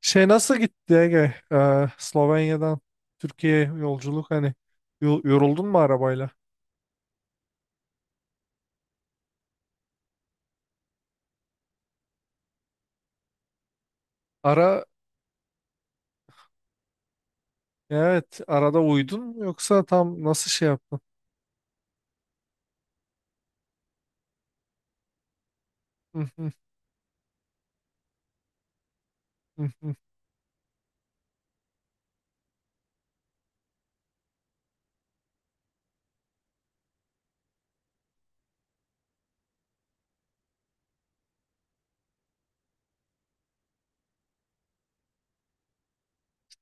Şey nasıl gitti Ege? Slovenya'dan Türkiye'ye yolculuk hani yoruldun mu arabayla? Ara evet, arada uyudun mu yoksa tam nasıl şey yaptın? Hı hı. Hı hı.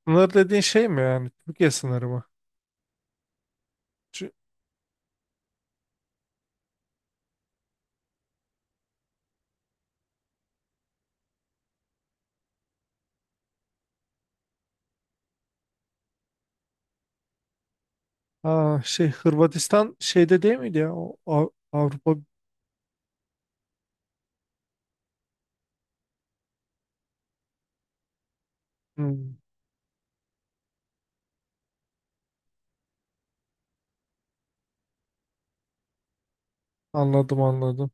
Sınır dediğin şey mi, yani Türkiye sınırı mı? Çü- Aa, şey Hırvatistan şeyde değil miydi ya? O, Avrupa. Hmm. Anladım, anladım.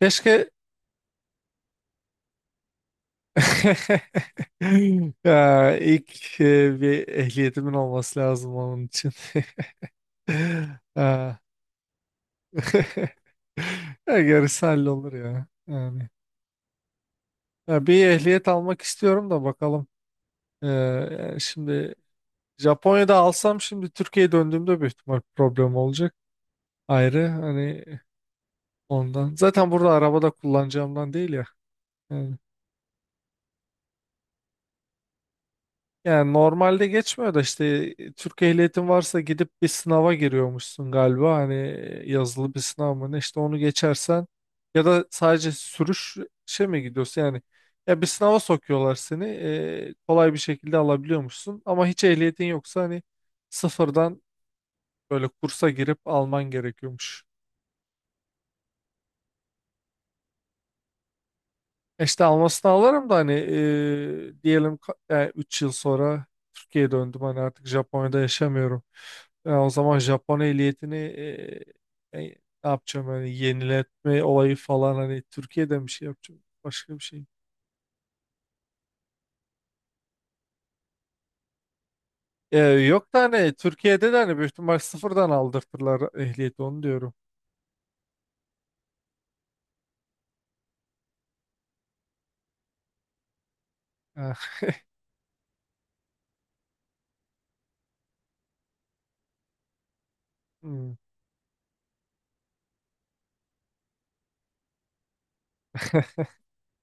Keşke. ya, ilk bir ehliyetimin olması lazım onun için. Ee, Ya gerisi hallolur ya. Yani. Ya bir ehliyet almak istiyorum da bakalım. Şimdi Japonya'da alsam şimdi Türkiye'ye döndüğümde büyük ihtimal problem olacak. Ayrı hani ondan. Zaten burada arabada kullanacağımdan değil ya. Yani. Yani normalde geçmiyor da işte Türk ehliyetin varsa gidip bir sınava giriyormuşsun galiba. Hani yazılı bir sınav mı ne işte, onu geçersen ya da sadece sürüş şey mi gidiyorsun yani, ya bir sınava sokuyorlar seni, kolay bir şekilde alabiliyormuşsun ama hiç ehliyetin yoksa hani sıfırdan böyle kursa girip alman gerekiyormuş. İşte almasını alırım da hani diyelim 3 yıl sonra Türkiye'ye döndüm, hani artık Japonya'da yaşamıyorum. O zaman Japon ehliyetini e, ne yapacağım? Hani yeniletme olayı falan hani Türkiye'de mi şey yapacağım, başka bir şey. Yok da hani Türkiye'de de hani büyük ihtimal sıfırdan aldırtırlar ehliyeti, onu diyorum. Ah, hmm.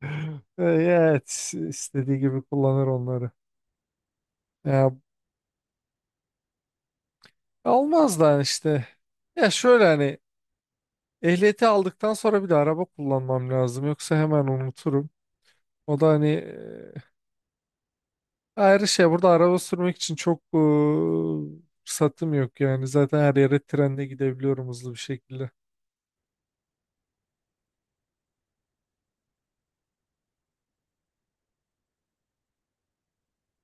Evet, istediği gibi kullanır onları. Ya, olmaz da hani işte. Ya şöyle hani, ehliyeti aldıktan sonra bir de araba kullanmam lazım. Yoksa hemen unuturum. O da hani ayrı şey. Burada araba sürmek için çok fırsatım yok yani. Zaten her yere trenle gidebiliyorum hızlı bir şekilde.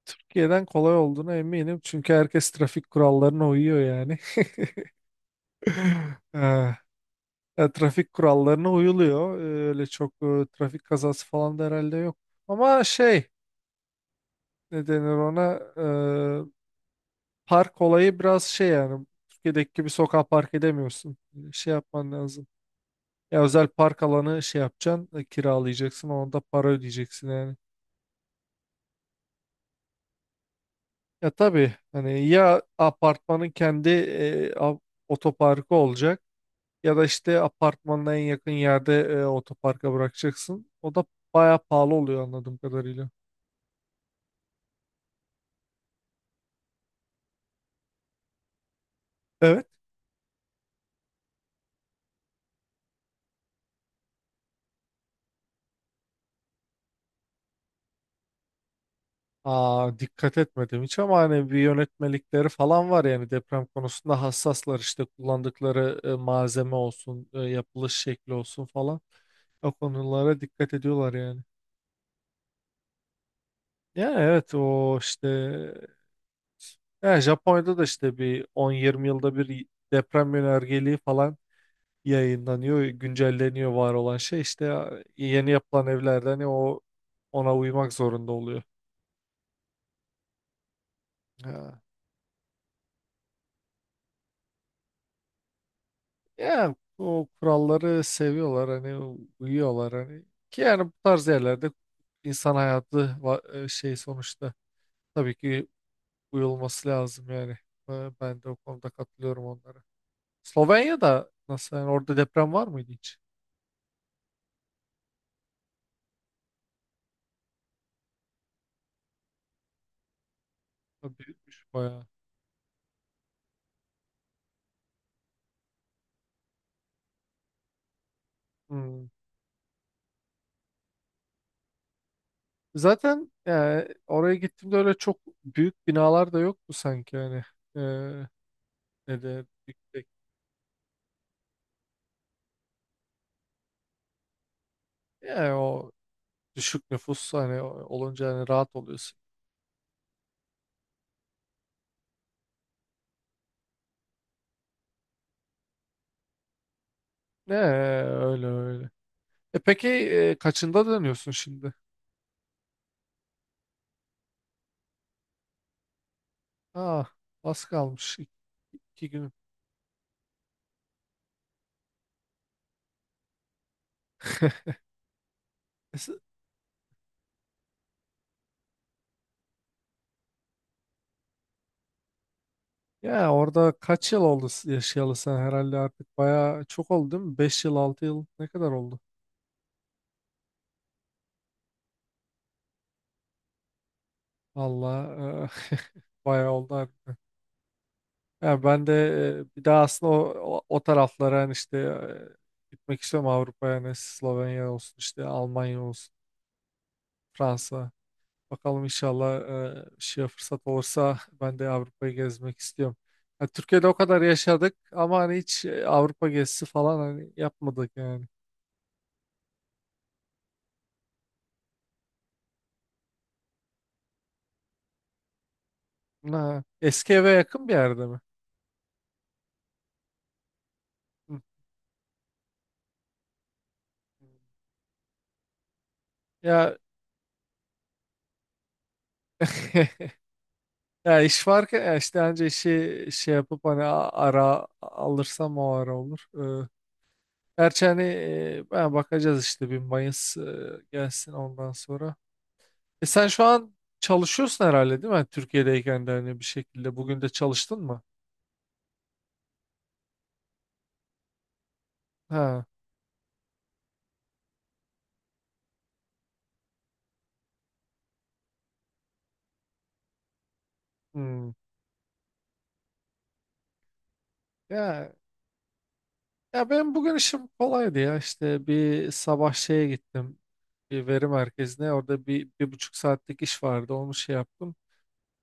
Türkiye'den kolay olduğuna eminim. Çünkü herkes trafik kurallarına uyuyor yani. Eh, Ya trafik kurallarına uyuluyor. Öyle çok trafik kazası falan da herhalde yok. Ama şey, ne denir ona? E, Park olayı biraz şey, yani Türkiye'deki gibi sokağa park edemiyorsun. Şey yapman lazım. Ya özel park alanı şey yapacaksın, kiralayacaksın, onda para ödeyeceksin yani. Ya tabii hani, ya apartmanın kendi otoparkı olacak ya da işte apartmanına en yakın yerde otoparka bırakacaksın. O da bayağı pahalı oluyor anladığım kadarıyla. Evet. Aa, dikkat etmedim hiç ama hani bir yönetmelikleri falan var yani, deprem konusunda hassaslar, işte kullandıkları malzeme olsun, yapılış şekli olsun falan. O konulara dikkat ediyorlar yani. Ya evet, o işte, ya Japonya'da da işte bir 10 20 yılda bir deprem yönergeliği falan yayınlanıyor, güncelleniyor var olan şey, işte ya, yeni yapılan evlerde hani o, ona uymak zorunda oluyor. Ya o kuralları seviyorlar, hani uyuyorlar hani, ki yani bu tarz yerlerde insan hayatı şey sonuçta, tabii ki uyulması lazım yani. Ben de o konuda katılıyorum onlara. Slovenya'da nasıl yani, orada deprem var mıydı hiç? O büyükmüş bayağı. Hmm. Zaten yani oraya gittiğimde öyle çok büyük binalar da yoktu sanki yani. E, Ne de yüksek. Yani o düşük nüfus hani olunca hani rahat oluyorsun. Ne, öyle öyle. Peki kaçında dönüyorsun şimdi? Ah, az kalmış. İki, iki gün. Es- Ya orada kaç yıl oldu, yaşayalı sen herhalde artık bayağı çok oldu değil mi? 5 yıl, 6 yıl, ne kadar oldu? Valla bayağı oldu harbiden. Ya ben de bir daha aslında o taraflara hani işte gitmek istiyorum Avrupa'ya, hani Slovenya olsun, işte Almanya olsun, Fransa. Bakalım inşallah şey fırsat olursa ben de Avrupa'yı gezmek istiyorum. Ya Türkiye'de o kadar yaşadık ama hani hiç Avrupa gezisi falan hani yapmadık yani. Ha, eski eve yakın bir yerde mi? Hı. Ya, ya iş varken ya işte anca işi şey yapıp hani ara alırsam o ara olur. Ee, Gerçi hani ben bakacağız işte bir Mayıs gelsin ondan sonra. E sen şu an çalışıyorsun herhalde değil mi? Hani Türkiye'deyken de hani bir şekilde bugün de çalıştın mı? Ha. Hmm. Ya, ya benim bugün işim kolaydı ya. İşte bir sabah şeye gittim. Bir veri merkezine. Orada bir, bir buçuk saatlik iş vardı. Onu şey yaptım.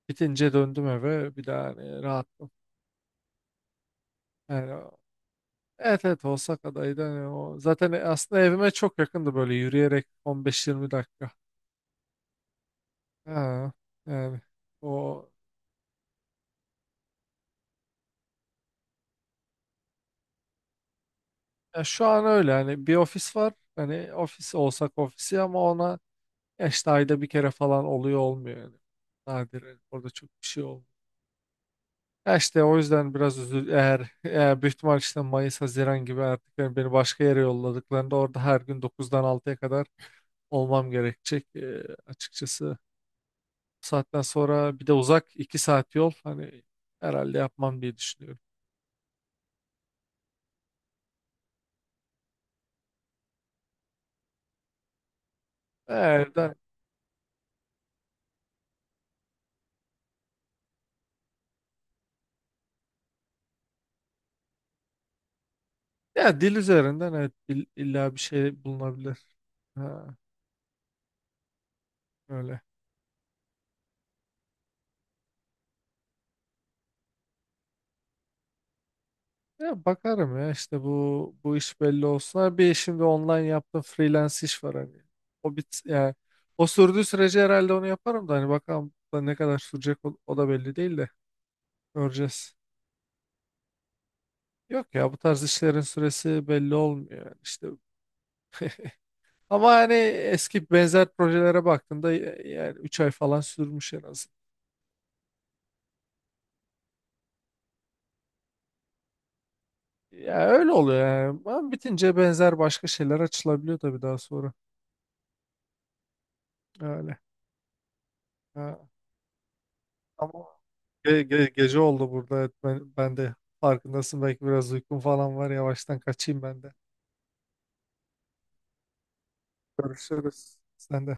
Bitince döndüm eve. Bir daha hani rahattım. Yani, evet, evet, Osaka'daydı. Hani o, zaten aslında evime çok yakındı, böyle yürüyerek 15-20 dakika. Ha, yani o, ya şu an öyle. Hani bir ofis var. Hani ofis olsak ofisi ama ona, ya işte ayda bir kere falan oluyor olmuyor yani. Nadir, evet, orada çok bir şey olmuyor. Ya işte o yüzden biraz üzül, eğer büyük ihtimal işte Mayıs Haziran gibi artık, yani beni başka yere yolladıklarında orada her gün dokuzdan altıya kadar olmam gerekecek. Açıkçası bu saatten sonra bir de uzak 2 saat yol hani, herhalde yapmam diye düşünüyorum. Eğer de- Ya dil üzerinden evet, illa bir şey bulunabilir. Ha, öyle. Ya bakarım ya işte bu, bu iş belli olsun. Ha, bir şimdi online yaptığım freelance iş var hani. O bit, yani o sürdüğü sürece herhalde onu yaparım da hani bakalım da ne kadar sürecek o, o da belli değil de göreceğiz. Yok ya, bu tarz işlerin süresi belli olmuyor yani işte. Ama hani eski benzer projelere baktığımda, yani 3 ay falan sürmüş en az. Ya öyle oluyor yani. Ama bitince benzer başka şeyler açılabiliyor tabii daha sonra. Öyle. Ha. Ama gece oldu burada. Evet, ben, ben de farkındasın. Belki biraz uykum falan var. Yavaştan kaçayım ben de. Görüşürüz. Sen de.